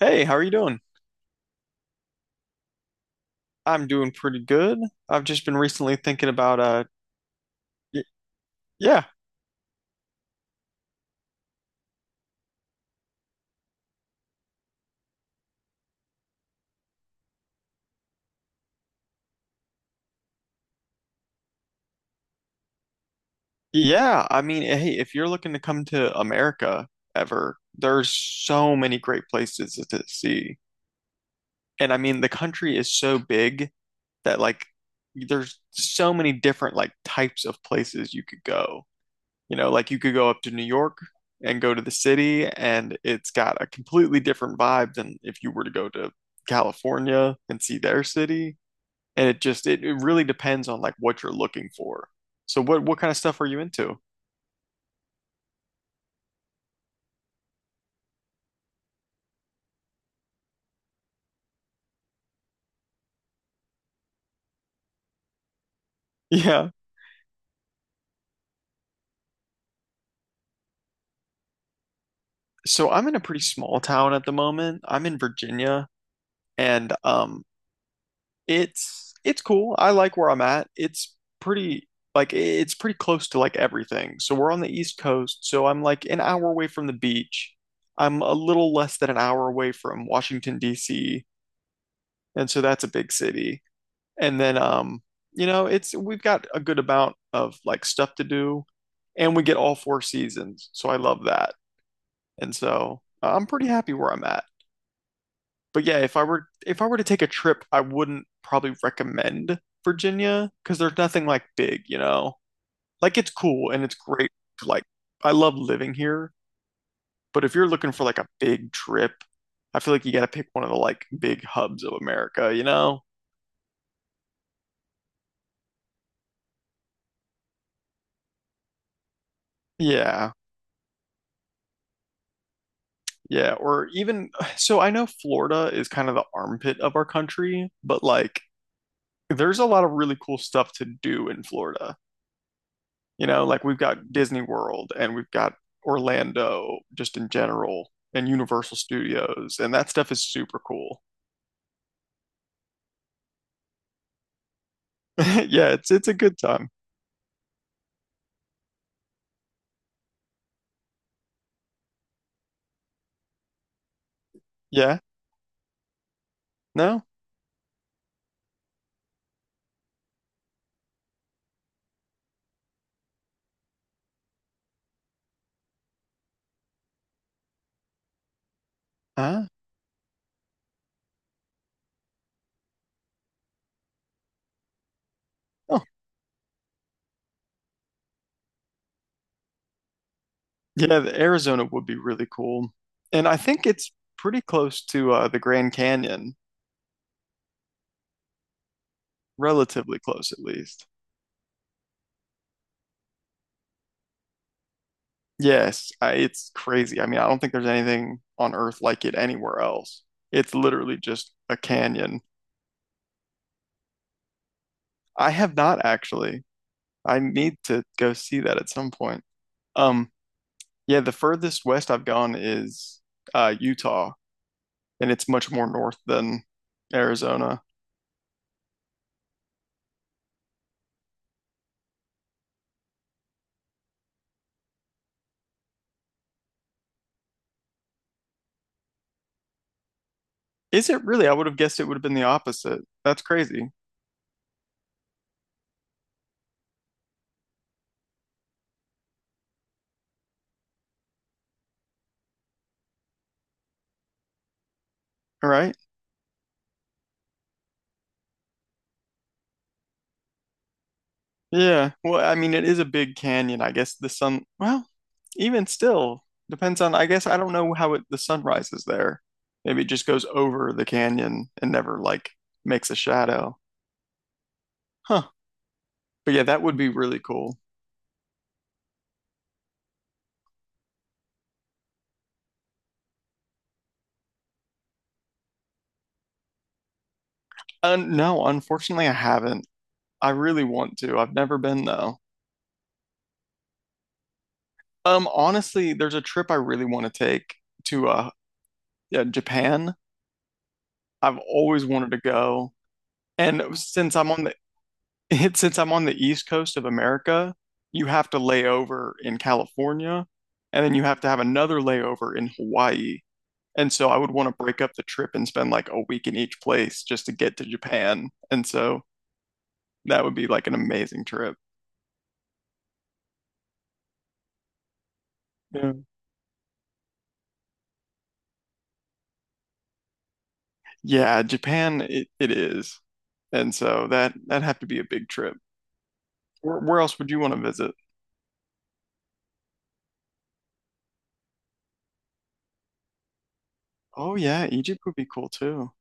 Hey, how are you doing? I'm doing pretty good. I've just been recently thinking about y yeah. Yeah, I mean, hey, if you're looking to come to America ever, there's so many great places to see. And I mean, the country is so big that like there's so many different like types of places you could go. You know, like you could go up to New York and go to the city, and it's got a completely different vibe than if you were to go to California and see their city. And it just it really depends on like what you're looking for. So what kind of stuff are you into? Yeah. So I'm in a pretty small town at the moment. I'm in Virginia, and it's cool. I like where I'm at. It's pretty like it's pretty close to like everything. So we're on the East Coast, so I'm like an hour away from the beach. I'm a little less than an hour away from Washington, D.C., and so that's a big city. And then you know, it's we've got a good amount of like stuff to do, and we get all four seasons. So I love that. And so I'm pretty happy where I'm at. But yeah, if I were to take a trip, I wouldn't probably recommend Virginia because there's nothing like big, you know. Like it's cool and it's great. Like I love living here, but if you're looking for like a big trip, I feel like you got to pick one of the like big hubs of America, you know? Yeah. Yeah, or even so I know Florida is kind of the armpit of our country, but like there's a lot of really cool stuff to do in Florida. You know, like we've got Disney World and we've got Orlando just in general and Universal Studios, and that stuff is super cool. Yeah, it's a good time. Yeah. No? Uh, oh. Yeah, the Arizona would be really cool. And I think it's pretty close to the Grand Canyon, relatively close at least. Yes, it's crazy. I mean, I don't think there's anything on Earth like it anywhere else. It's literally just a canyon. I have not actually. I need to go see that at some point. Um, yeah, the furthest west I've gone is Utah, and it's much more north than Arizona. Is it really? I would have guessed it would have been the opposite. That's crazy, right? Yeah. Well, I mean, it is a big canyon. I guess the sun. Well, even still, depends on, I guess I don't know how the sun rises there. Maybe it just goes over the canyon and never like makes a shadow. Huh. But yeah, that would be really cool. No, unfortunately, I haven't. I really want to. I've never been though. Honestly, there's a trip I really want to take to yeah, Japan. I've always wanted to go. And since I'm on since I'm on the East Coast of America, you have to lay over in California, and then you have to have another layover in Hawaii. And so I would want to break up the trip and spend like a week in each place just to get to Japan. And so that would be like an amazing trip. Yeah, yeah, Japan it is. And so that'd have to be a big trip. Where else would you want to visit? Oh yeah, Egypt would be cool too.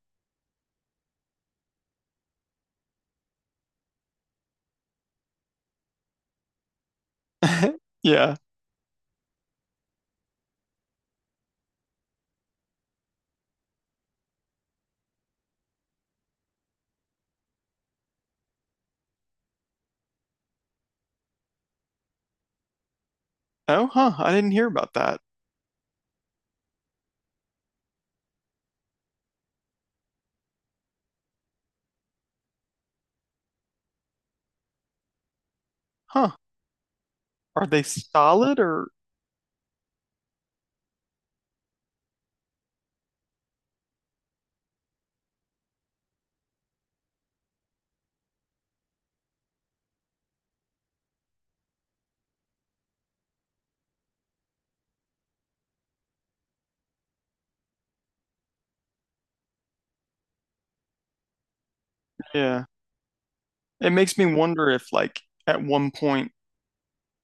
Yeah. Oh, huh. I didn't hear about that. Huh. Are they solid or yeah. It makes me wonder if, like, at one point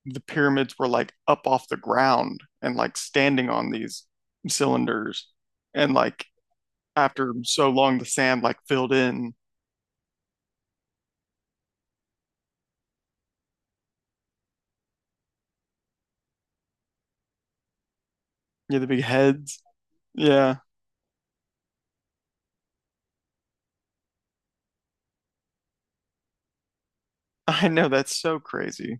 the pyramids were like up off the ground and like standing on these cylinders. And like after so long, the sand like filled in. Yeah, the big heads. Yeah, I know that's so crazy.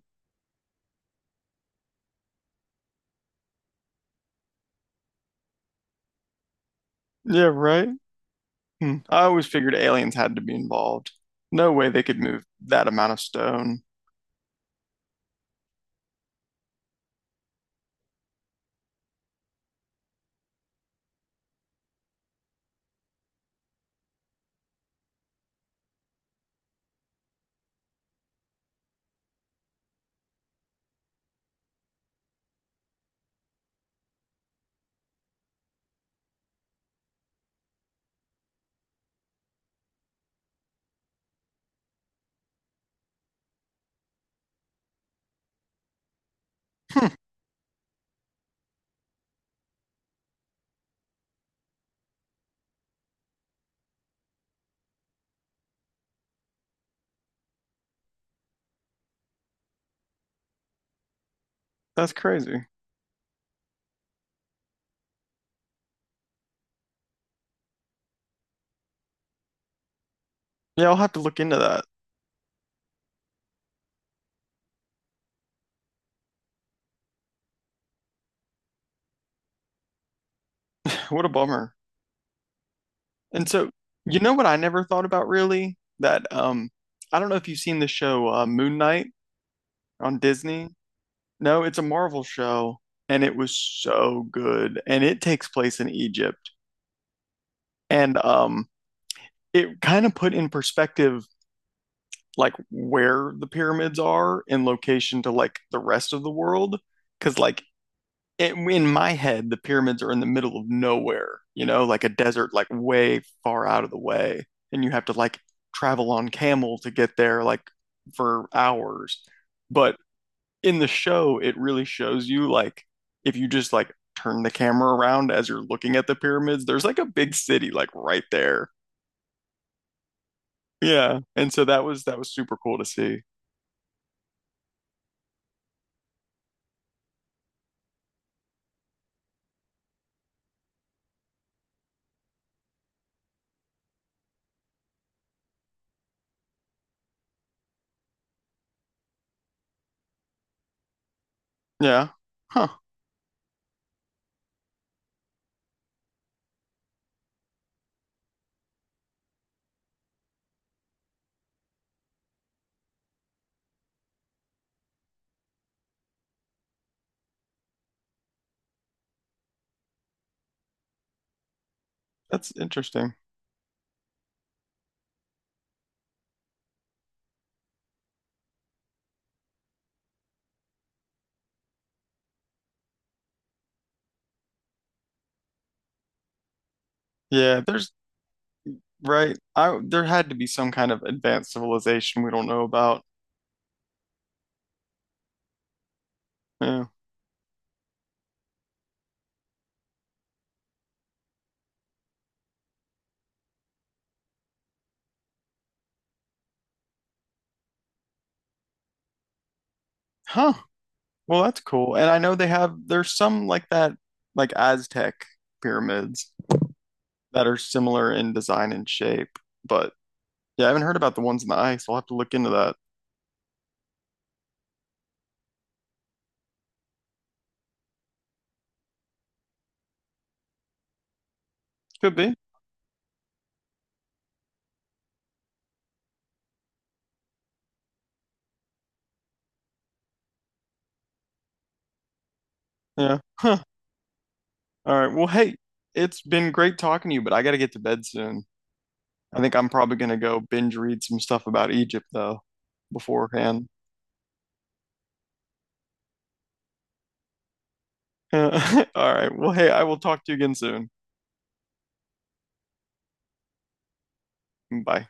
Yeah, right? Hmm. I always figured aliens had to be involved. No way they could move that amount of stone. That's crazy. Yeah, I'll have to look into that. What a bummer. And so, you know what I never thought about really? That I don't know if you've seen the show Moon Knight on Disney. No, it's a Marvel show, and it was so good, and it takes place in Egypt. And it kind of put in perspective like where the pyramids are in location to like the rest of the world. Because like in my head, the pyramids are in the middle of nowhere, you know, like a desert, like way far out of the way. And you have to like travel on camel to get there, like for hours. But in the show, it really shows you like if you just like turn the camera around as you're looking at the pyramids, there's like a big city like right there. Yeah. And so that was super cool to see. Yeah. Huh. That's interesting. Yeah, there's right? I there had to be some kind of advanced civilization we don't know about. Yeah. Huh. Well, that's cool. And I know they have there's some like that like Aztec pyramids that are similar in design and shape, but yeah, I haven't heard about the ones in the ice. I'll have to look into that. Could be. Yeah. All right. Well, hey, it's been great talking to you, but I gotta get to bed soon. I think I'm probably gonna go binge read some stuff about Egypt though beforehand. All right. Well, hey, I will talk to you again soon. Bye.